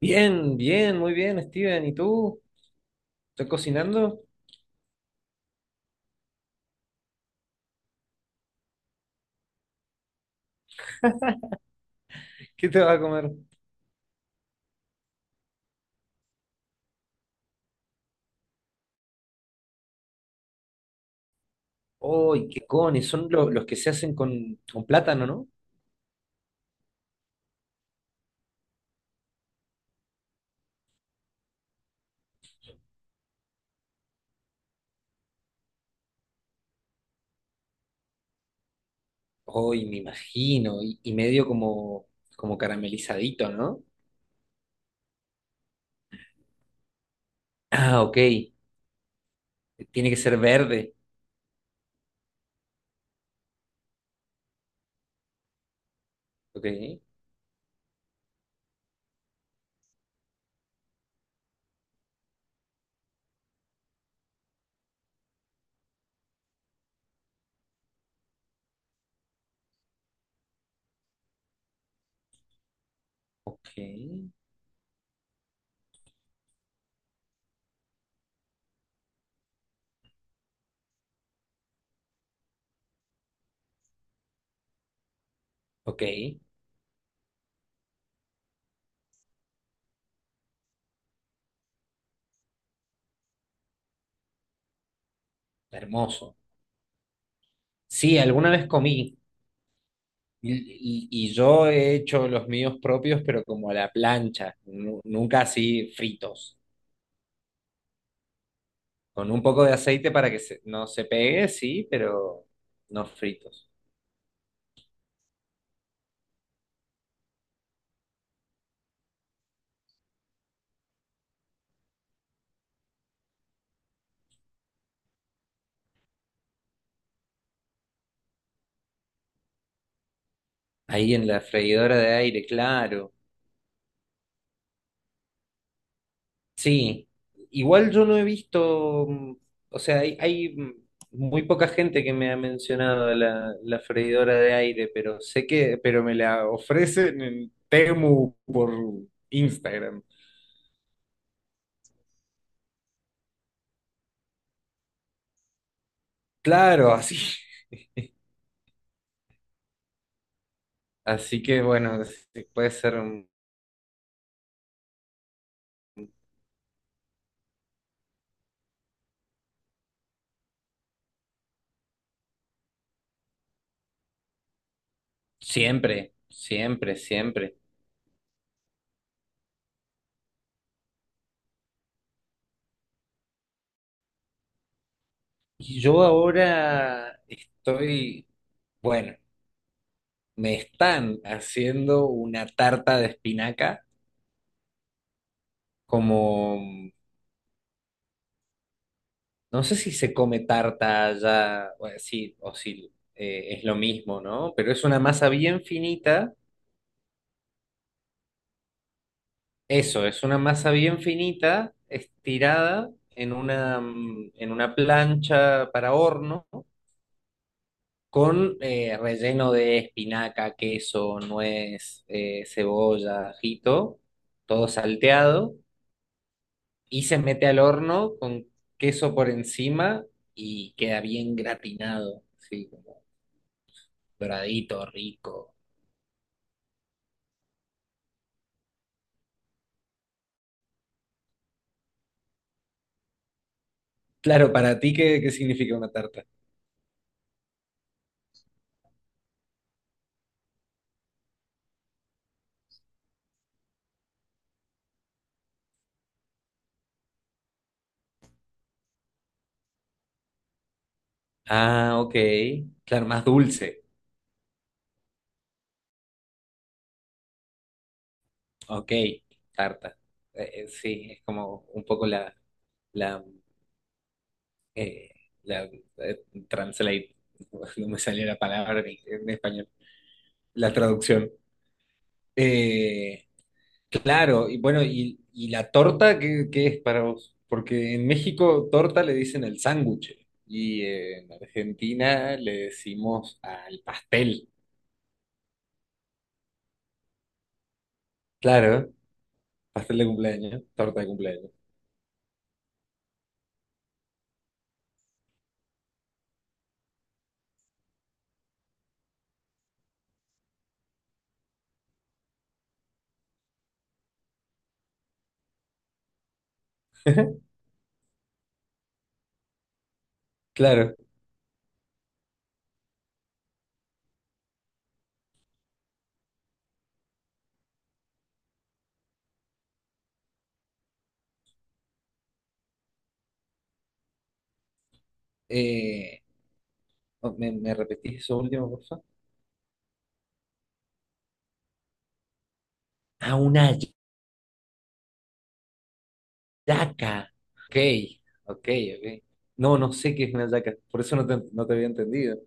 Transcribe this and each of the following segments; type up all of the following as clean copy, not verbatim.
Bien, bien, muy bien, Steven. ¿Y tú? ¿Estás cocinando? ¿Qué te vas a comer? ¡Ay, qué cones! Son los que se hacen con plátano, ¿no? ¡Ay, me imagino! Y medio como, como caramelizadito, ¿no? Ah, ok. Tiene que ser verde. Ok, ok, ok. Hermoso. Sí, alguna vez comí. Y, yo he hecho los míos propios, pero como a la plancha, nunca así fritos. Con un poco de aceite para que no se pegue, sí, pero no fritos. Ahí en la freidora de aire, claro. Sí, igual yo no he visto, o sea, hay muy poca gente que me ha mencionado la freidora de aire, pero sé que, pero me la ofrecen en Temu por Instagram. Claro, así. Así que bueno, sí, puede ser siempre, siempre, siempre. Y yo ahora estoy. Bueno, me están haciendo una tarta de espinaca, como no sé si se come tarta allá, bueno, sí, o si es lo mismo, ¿no? Pero es una masa bien finita, eso, es una masa bien finita, estirada en una, en una plancha para horno, con relleno de espinaca, queso, nuez, cebolla, ajito, todo salteado. Y se mete al horno con queso por encima y queda bien gratinado, sí, como doradito, rico. Claro, para ti, ¿qué, qué significa una tarta? Ah, ok. Claro, más dulce. Ok, tarta. Sí, es como un poco la, la, eh, la translate, no me salió la palabra en español, la traducción. Eh, Claro, y bueno, y la torta, ¿qué, qué es para vos? Porque en México torta le dicen el sándwich y en Argentina le decimos al pastel. Claro, pastel de cumpleaños, torta de cumpleaños. Claro. Eh, oh, ¿me, me repetís eso último, por favor? Ah, una yaca. Ok, ok, ok. No, no sé qué es una yaca, por eso no te, no te había entendido.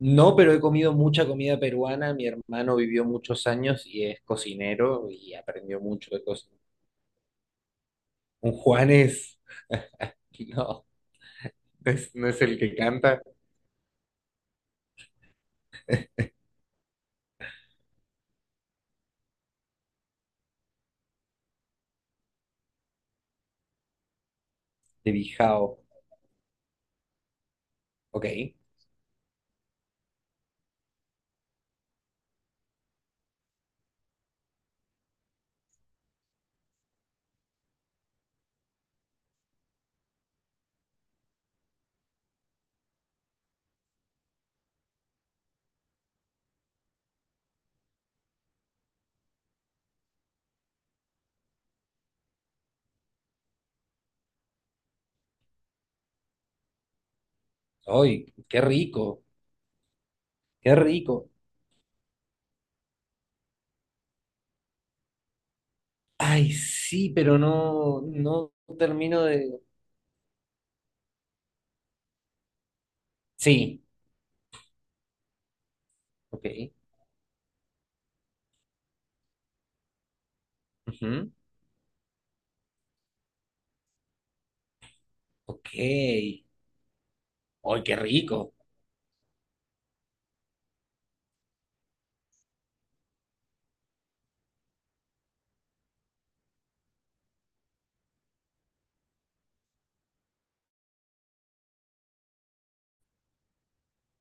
No, pero he comido mucha comida peruana. Mi hermano vivió muchos años y es cocinero y aprendió mucho de cosas. Un Juanes, no, no es, no es el que canta, de Bijao. Ok. ¡Ay, qué rico! ¡Qué rico! Ay, sí, pero no, no termino de... Sí, ok, ujú, ok. ¡Ay, qué rico!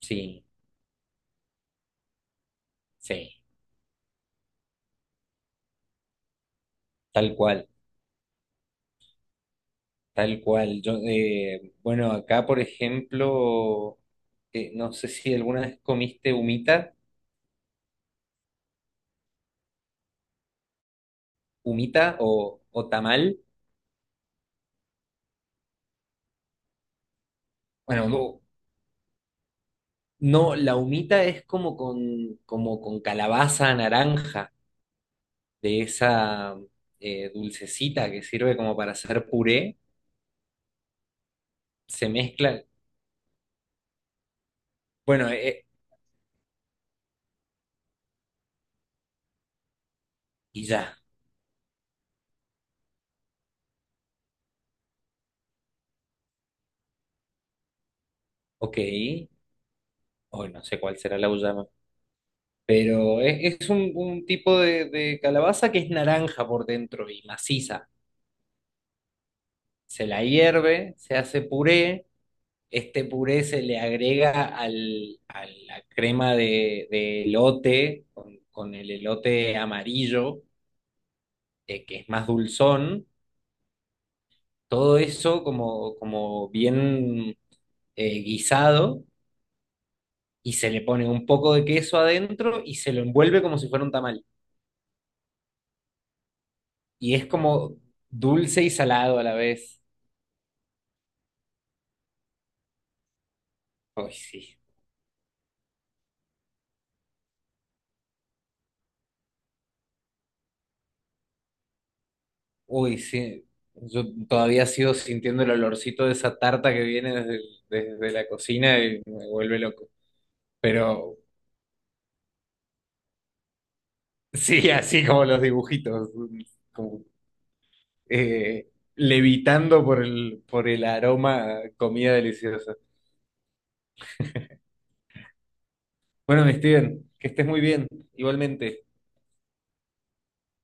Sí, sí, tal cual. Tal cual. Yo, bueno, acá, por ejemplo, no sé si alguna vez comiste humita, humita o tamal. Bueno, no, no, la humita es como con calabaza naranja, de esa dulcecita que sirve como para hacer puré. Se mezcla, bueno, y ya, ok. Hoy no sé cuál será la uyama. Pero es un tipo de calabaza que es naranja por dentro y maciza. Se la hierve, se hace puré, este puré se le agrega al, a la crema de elote, con el elote amarillo, que es más dulzón, todo eso como, como bien guisado, y se le pone un poco de queso adentro y se lo envuelve como si fuera un tamal. Y es como dulce y salado a la vez. Ay, sí. Uy, sí, yo todavía sigo sintiendo el olorcito de esa tarta que viene desde, desde la cocina y me vuelve loco. Pero sí, así como los dibujitos, como, eh, levitando por el aroma a comida deliciosa. Bueno, mi Steven, que estés muy bien, igualmente.